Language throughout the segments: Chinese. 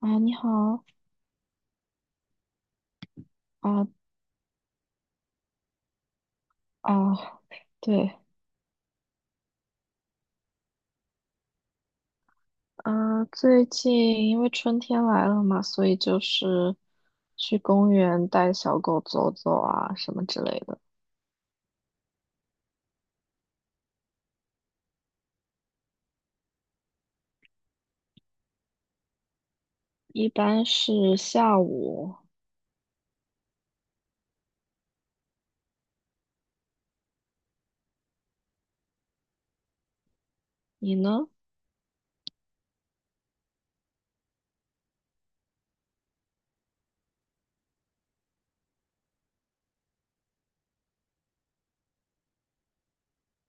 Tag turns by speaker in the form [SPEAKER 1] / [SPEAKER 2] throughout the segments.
[SPEAKER 1] 啊，你好啊啊，对，嗯、最近因为春天来了嘛，所以就是去公园带小狗走走啊，什么之类的。一般是下午，你呢？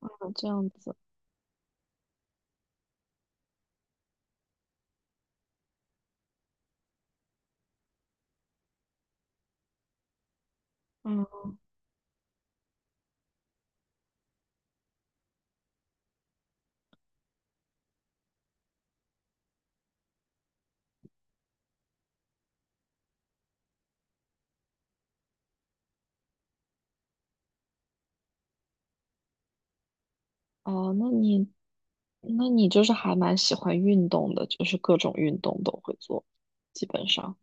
[SPEAKER 1] 啊，这样子，嗯，哦，那你就是还蛮喜欢运动的，就是各种运动都会做，基本上。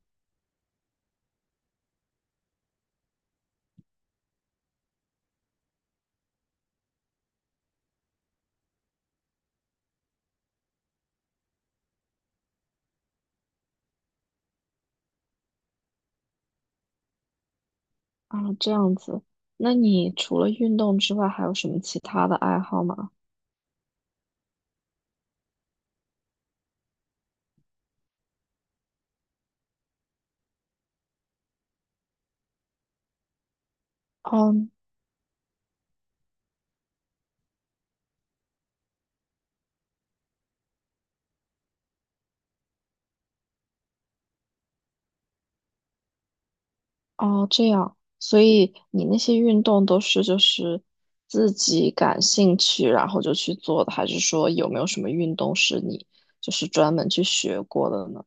[SPEAKER 1] 啊，这样子。那你除了运动之外，还有什么其他的爱好吗？嗯。哦，这样，所以你那些运动都是就是自己感兴趣，然后就去做的，还是说有没有什么运动是你就是专门去学过的呢？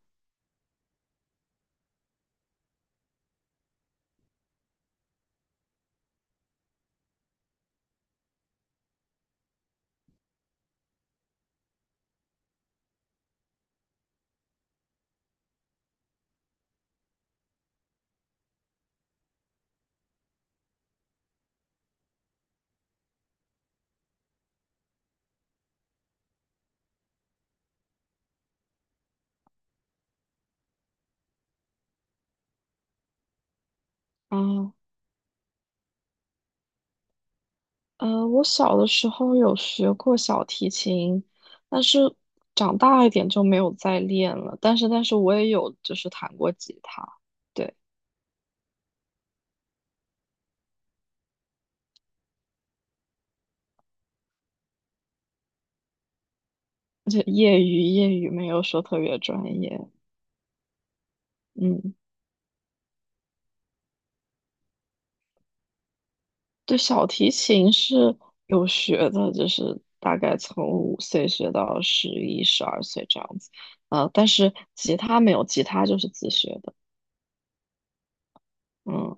[SPEAKER 1] 啊，呃，我小的时候有学过小提琴，但是长大一点就没有再练了。但是我也有就是弹过吉他，对，而且业余，没有说特别专业，嗯。对，小提琴是有学的，就是大概从5岁学到11、12岁这样子。呃，但是吉他没有，吉他就是自学的。嗯，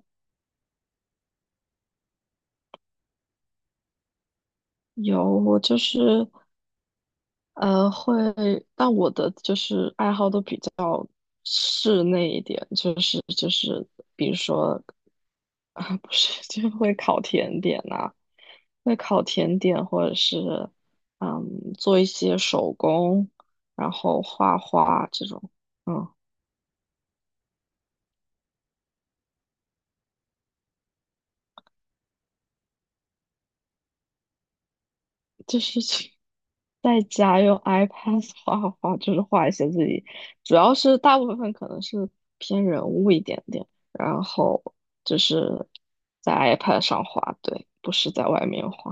[SPEAKER 1] 有，我就是呃，会，但我的就是爱好都比较室内一点，就是，比如说啊，不是，就会烤甜点呐、会烤甜点，或者是嗯，做一些手工，然后画画这种，嗯。就是去在家用 iPad 画画画，就是画一些自己，主要是大部分可能是偏人物一点点，然后就是在 iPad 上画，对，不是在外面画，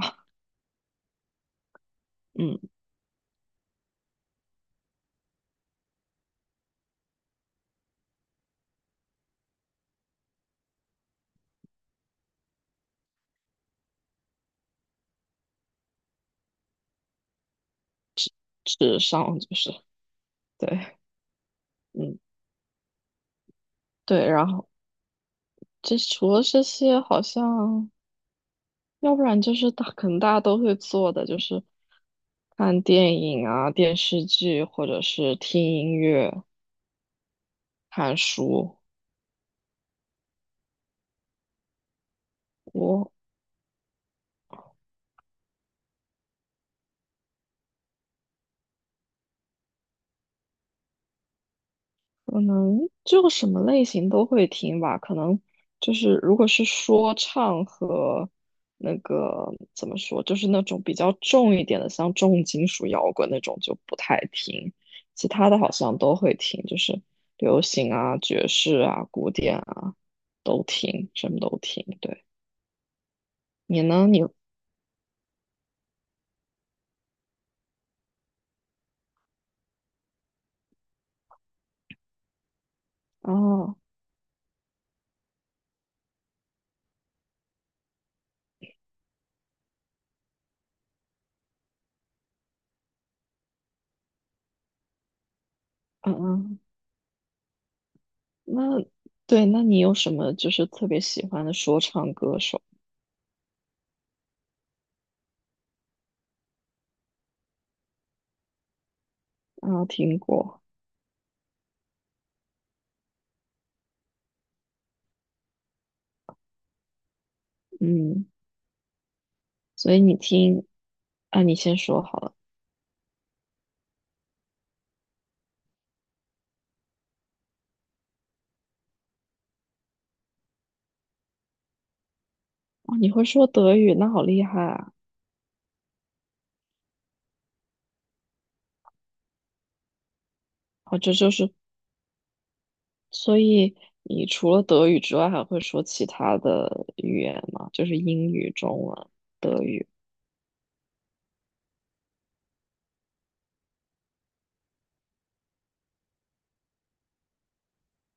[SPEAKER 1] 嗯，纸上就是对，嗯对，然后这除了这些，好像要不然就是大，可能大家都会做的，就是看电影啊、电视剧，或者是听音乐、看书。我可能就什么类型都会听吧，可能就是如果是说唱和那个怎么说，就是那种比较重一点的，像重金属摇滚那种就不太听，其他的好像都会听，就是流行啊、爵士啊、古典啊都听，什么都听。对，你呢？哦，嗯嗯，那对，那你有什么就是特别喜欢的说唱歌手？啊？听过，嗯。所以你听，啊，你先说好了。哦，你会说德语，那好厉害啊！哦，这就是，所以你除了德语之外，还会说其他的语言吗？就是英语、中文、德语。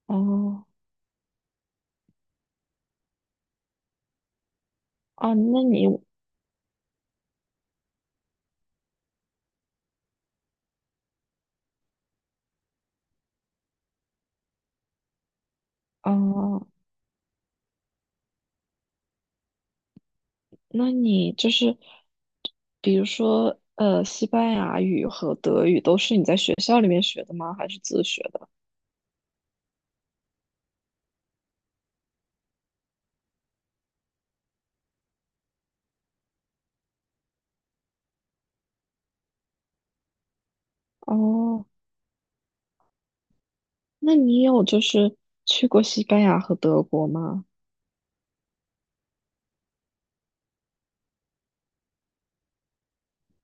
[SPEAKER 1] 哦，啊，那你，哦，那你就是，比如说，呃，西班牙语和德语都是你在学校里面学的吗？还是自学的？哦，那你有就是去过西班牙和德国吗？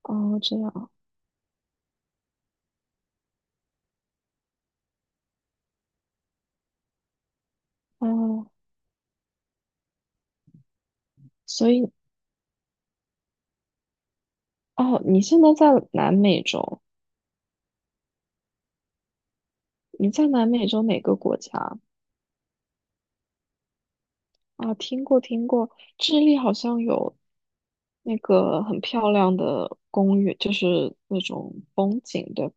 [SPEAKER 1] 哦，这样，哦。所以，哦，你现在在南美洲？你在南美洲哪个国家啊？听过听过，智利好像有那个很漂亮的公园，就是那种风景，对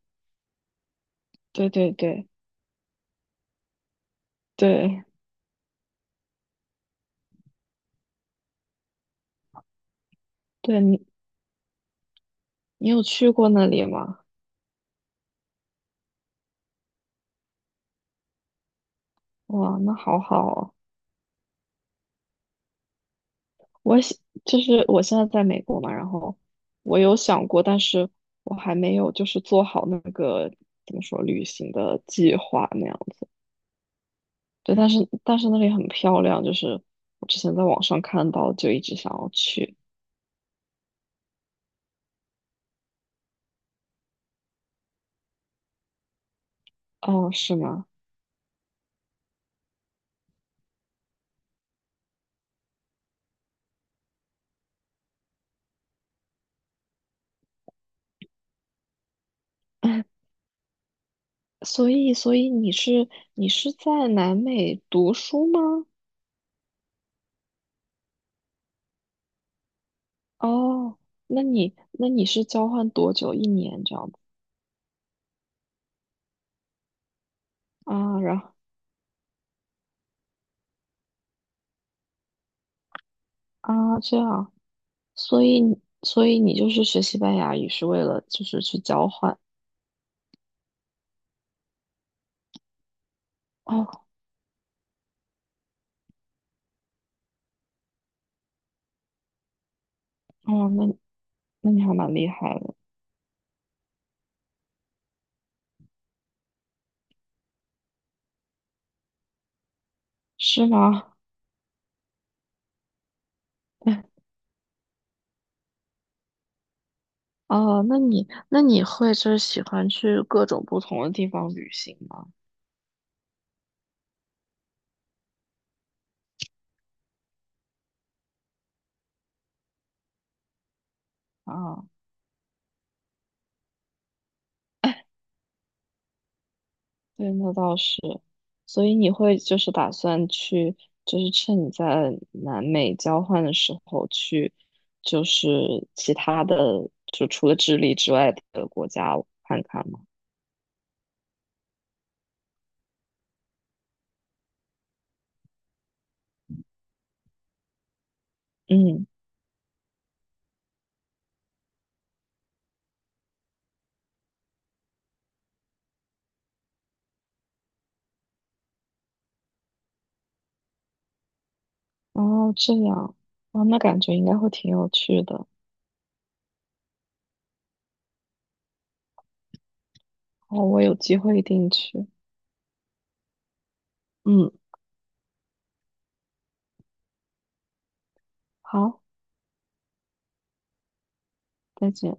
[SPEAKER 1] 对对对对对，你有去过那里吗？哇，那好好哦。我想就是我现在在美国嘛，然后我有想过，但是我还没有就是做好那个怎么说旅行的计划那样。对，但是那里很漂亮，就是我之前在网上看到，就一直想要去。哦，是吗？所以你是在南美读书吗？哦，那你是交换多久？一年这样子啊？然后啊这样，所以你就是学西班牙语是为了就是去交换？哦哦，那你还蛮厉害的，是吗？哦，那你会就是喜欢去各种不同的地方旅行吗？啊，对，那倒是。所以你会就是打算去，就是趁你在南美交换的时候去，就是其他的，就除了智利之外的国家看看吗？嗯，哦，这样，哦，那感觉应该会挺有趣的。哦，我有机会一定去。嗯，好，再见。